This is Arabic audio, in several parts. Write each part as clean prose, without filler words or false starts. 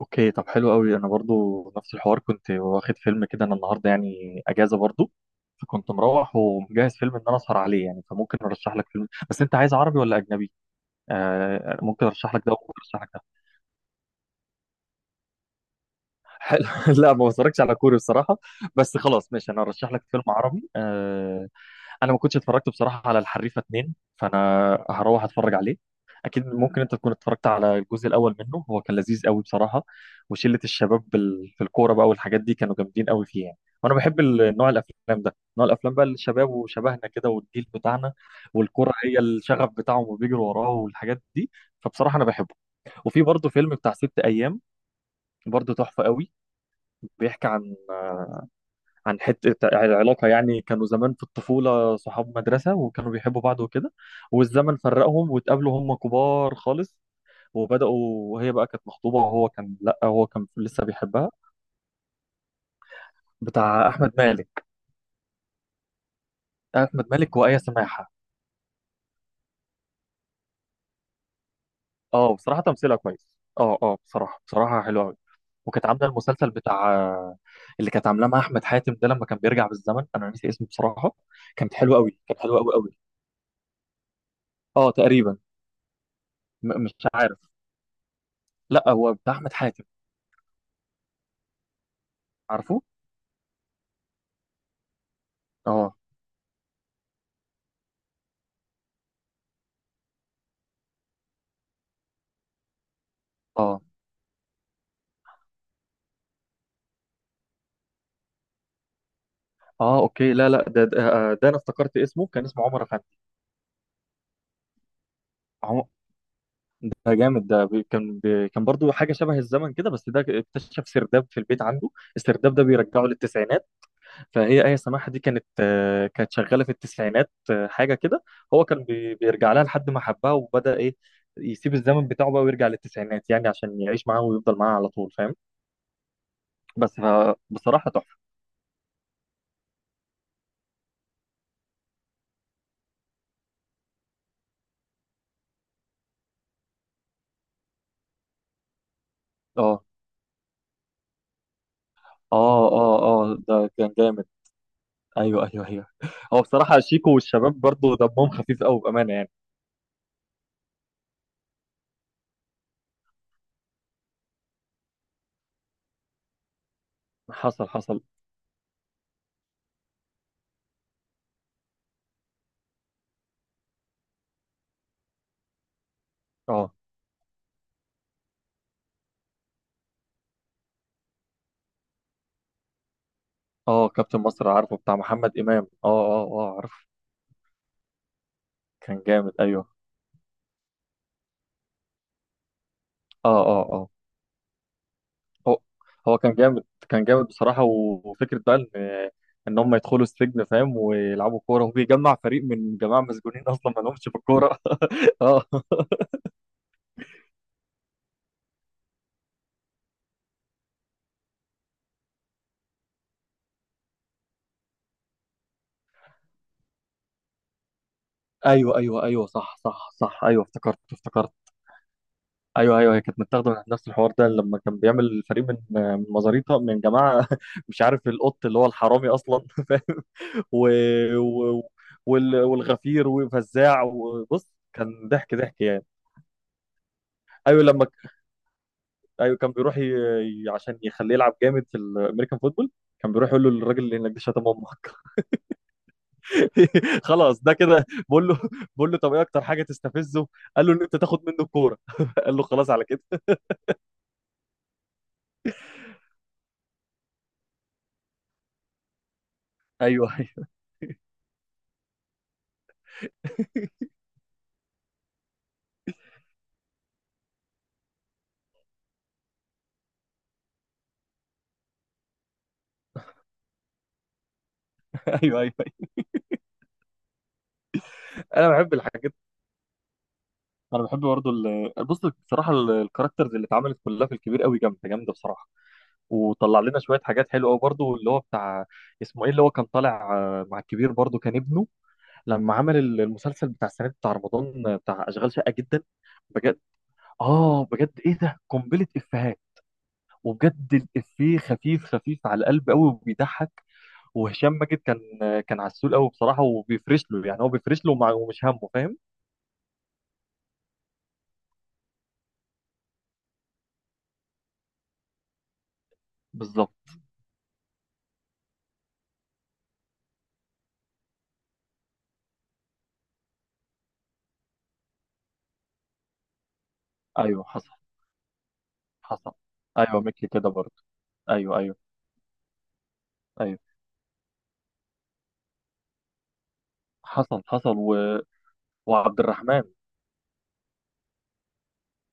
اوكي. طب، حلو قوي. انا برضو نفس الحوار، كنت واخد فيلم كده. انا النهارده يعني اجازه برضو. فكنت مروح ومجهز فيلم ان انا اسهر عليه يعني. فممكن ارشح لك فيلم. بس انت عايز عربي ولا اجنبي؟ آه، ممكن ارشح لك ده وممكن ارشح لك ده. حلو. لا، ما بتفرجش على كوري بصراحه. بس خلاص ماشي، انا ارشح لك فيلم عربي آه. انا ما كنتش اتفرجت بصراحه على الحريفه اتنين، فانا هروح اتفرج عليه. اكيد ممكن انت تكون اتفرجت على الجزء الاول منه. هو كان لذيذ قوي بصراحه. وشله الشباب في الكوره بقى والحاجات دي، كانوا جامدين قوي فيه يعني. وانا بحب نوع الافلام ده، نوع الافلام بقى الشباب وشبهنا كده والجيل بتاعنا. والكوره هي الشغف بتاعهم وبيجروا وراه والحاجات دي. فبصراحه انا بحبه. وفي برضه فيلم بتاع ست ايام، برضه تحفه قوي. بيحكي عن حته العلاقه يعني. كانوا زمان في الطفوله صحاب مدرسه وكانوا بيحبوا بعض وكده. والزمن فرقهم واتقابلوا هم كبار خالص. وبداوا. وهي بقى كانت مخطوبه وهو كان، لا، هو كان لسه بيحبها. بتاع احمد مالك. احمد مالك وايه سماحه. اه، بصراحه تمثيلها كويس. اه، اه، بصراحه بصراحه حلوه قوي. وكانت عامله المسلسل بتاع، اللي كانت عاملاه مع احمد حاتم ده، لما كان بيرجع بالزمن. انا نسي اسمه بصراحه. كانت حلوه قوي، كانت حلوه قوي قوي. اه، تقريبا. مش عارف. لا، هو بتاع احمد حاتم. عارفه. اه، اه، اه، اوكي. لا، لا، ده انا افتكرت اسمه، كان اسمه عمر افندي. عمر. ده جامد. ده كان برضو حاجه شبه الزمن كده. بس ده اكتشف سرداب في البيت عنده. السرداب ده بيرجعه للتسعينات. فهي ايه سماحه دي كانت شغاله في التسعينات، حاجه كده. هو كان بيرجع لها لحد ما حبها، وبدا ايه، يسيب الزمن بتاعه بقى ويرجع للتسعينات يعني، عشان يعيش معاها ويفضل معاها على طول، فاهم؟ بس بصراحه تحفه. اه، اه، اه، اه. ده كان جامد. ايوه، ايوه، ايوه. هو بصراحه شيكو والشباب برضه دمهم خفيف قوي بامانه يعني. حصل، حصل. اه، اه. كابتن مصر، عارفه، بتاع محمد امام. اه، اه، اه، عارفه. كان جامد، ايوه. اه، اه، اه. هو هو كان جامد، كان جامد بصراحه. و- وفكره بقى ان هم يدخلوا السجن، فاهم؟ ويلعبوا كوره، وبيجمع فريق من جماعه مسجونين اصلا ما لهمش في الكوره. اه. ايوه، ايوه، ايوه، صح، صح، صح، ايوه، افتكرت، افتكرت. ايوه، ايوه، هي كانت متاخده من نفس الحوار ده، لما كان بيعمل فريق من مزاريطه، من جماعه مش عارف القط اللي هو الحرامي اصلا. فاهم؟ و... و... والغفير وفزاع وبص. كان ضحك ضحك يعني. ايوه، ايوه كان بيروح عشان يخليه يلعب جامد في الامريكان فوتبول. كان بيروح يقول له: الراجل اللي هناك ده شتم امك. خلاص، ده كده. بقول له طب ايه اكتر حاجه تستفزه؟ قال له ان انت تاخد منه الكوره. قال له خلاص على كده. ايوه، ايوه. ايوه، ايوه. انا بحب الحاجات. انا بحب برضه بص. بصراحه الكاركترز اللي اتعملت كلها في الكبير قوي، جامده جامده بصراحه. وطلع لنا شويه حاجات حلوه قوي برضه. اللي هو بتاع، اسمه ايه، اللي هو كان طالع مع الكبير برضه، كان ابنه. لما عمل المسلسل بتاع السنه دي، بتاع رمضان، بتاع اشغال شقه جدا. بجد. اه، بجد، ايه ده، قنبله افيهات. وبجد الافيه خفيف خفيف على القلب قوي وبيضحك. وهشام ماجد كان عسول قوي بصراحه، وبيفرش له يعني، هو بيفرش له ومش همه، فاهم؟ بالظبط. ايوه، حصل، حصل. ايوه، ميكي كده برضه. ايوه، ايوه، ايوه. حصل، حصل. وعبد الرحمن.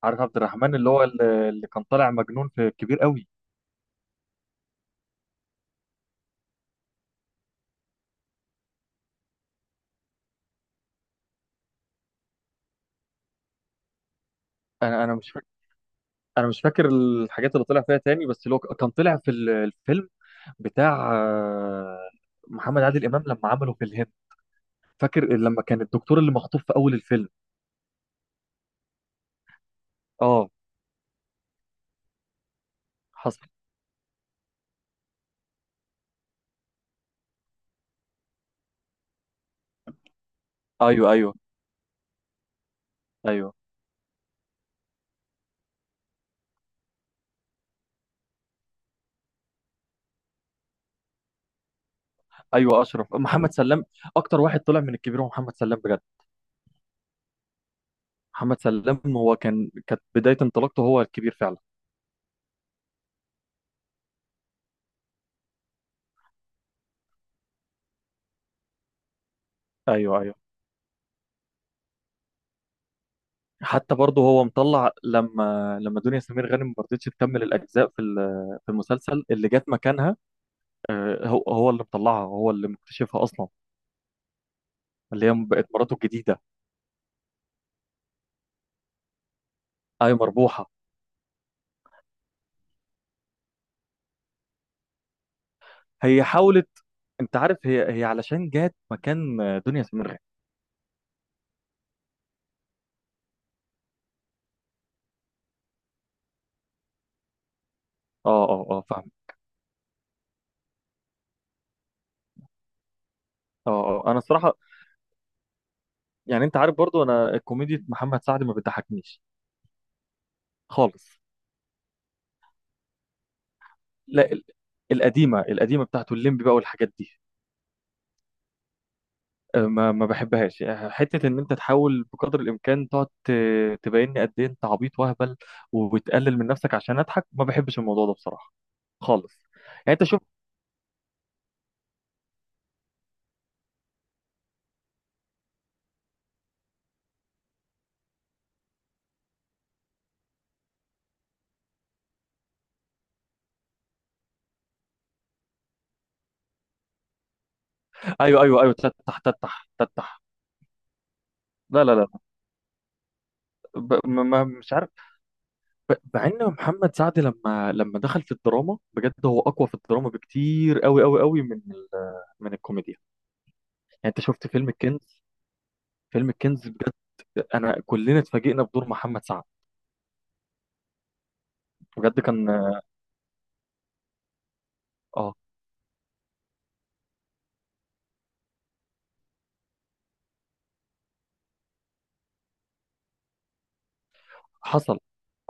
عارف عبد الرحمن، اللي كان طالع مجنون في كبير قوي. انا مش فاكر. انا مش فاكر الحاجات اللي طلع فيها تاني، بس اللي هو كان طلع في الفيلم بتاع محمد عادل امام لما عمله في الهند. فاكر لما كان الدكتور اللي مخطوف في اول الفيلم. اه، حصل. ايوه، ايوه، ايوه، ايوه، اشرف محمد سلام اكتر واحد طلع من الكبير هو محمد سلام بجد محمد سلام هو كان كانت بداية انطلاقته هو الكبير فعلا ايوه ايوه حتى برضه هو مطلع لما لما دنيا سمير غانم ما رضتش تكمل الاجزاء في ال- في المسلسل اللي جت مكانها آه، هو هو اللي مطلعها هو اللي مكتشفها اصلا اللي هي بقت مراته الجديده اي مربوحه هي حاولت انت عارف هي هي علشان جت مكان آه، دنيا سمير غانم اه اه اه فاهم اه اه انا الصراحه يعني انت عارف برضه انا كوميديا محمد سعد ما بتضحكنيش خالص لا ال- القديمه القديمه بتاعته الليمبي بقى والحاجات دي آه، ما ما بحبهاش آه، حته ان انت تحاول بقدر الامكان تقعد ت- تبين لي قد ايه انت عبيط واهبل وبتقلل من نفسك عشان اضحك ما بحبش الموضوع ده بصراحه خالص يعني انت شوف ايوه ايوه ايوه تتح تتح تتح لا لا لا ب... ما ما- مش عارف ب... مع ان محمد سعد لما لما دخل في الدراما بجد هو اقوى في الدراما بكتير قوي قوي قوي من ال... من الكوميديا يعني انت شفت فيلم الكنز فيلم الكنز بجد انا كلنا اتفاجئنا بدور محمد سعد بجد كان اه حصل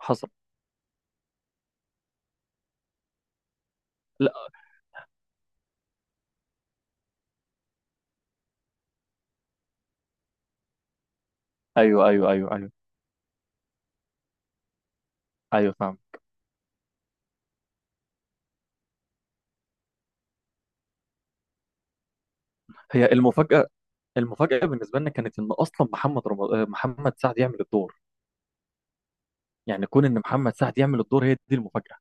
حصل لا ايوه ايوه ايوه ايوه ايوه، فاهم. هي المفاجاه. المفاجاه بالنسبه لنا كانت ان اصلا محمد رمضان، محمد سعد، يعمل الدور. يعني كون ان محمد سعد يعمل الدور، هي دي المفاجاه.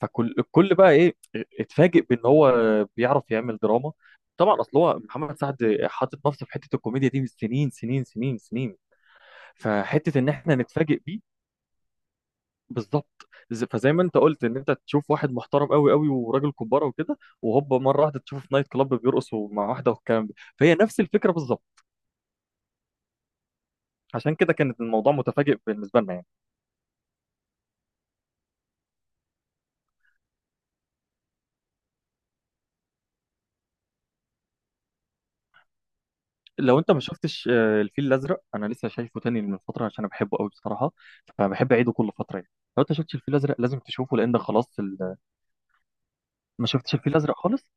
فكل الكل بقى ايه. اتفاجئ بان هو بيعرف يعمل دراما. طبعا، اصل هو محمد سعد حاطط نفسه في حته الكوميديا دي من سنين سنين سنين سنين. فحته ان احنا نتفاجئ بيه. بالظبط. فزي ما انت قلت ان انت تشوف واحد محترم قوي قوي، وراجل كبارة وكده، وهوبا مره واحده تشوفه في نايت كلاب بيرقص مع واحده والكلام ده. فهي نفس الفكره بالظبط. عشان كده كانت الموضوع متفاجئ بالنسبه لنا يعني. لو انت ما شفتش الفيل الازرق، انا لسه شايفه تاني من فتره عشان انا بحبه قوي بصراحه. فبحب اعيده كل فتره يعني. لو انت شفتش الفيل الازرق لازم تشوفه، لان ده خلاص. ما شفتش الفيل الازرق خالص.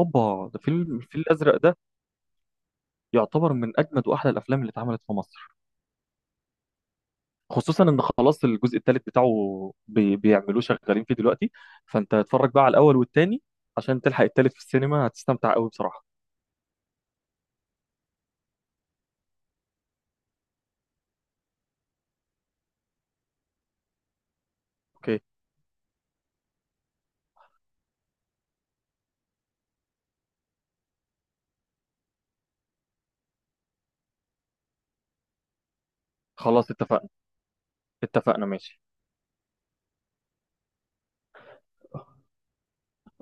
هوبا، ده الفيل الازرق ده. يعتبر من اجمد واحلى الافلام اللي اتعملت في مصر. خصوصا ان خلاص الجزء الثالث بتاعه بيعملوه، شغالين فيه دلوقتي. فانت اتفرج بقى على الاول والثاني عشان تلحق الثالث في السينما، هتستمتع قوي بصراحة. اوكي خلاص، اتفقنا، اتفقنا، ماشي.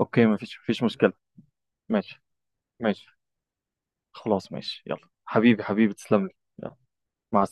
اوكي، مفيش مشكلة، ماشي. ماشي. خلاص ماشي، يلا حبيبي حبيبي، تسلم لي. يلا. مع السلامة.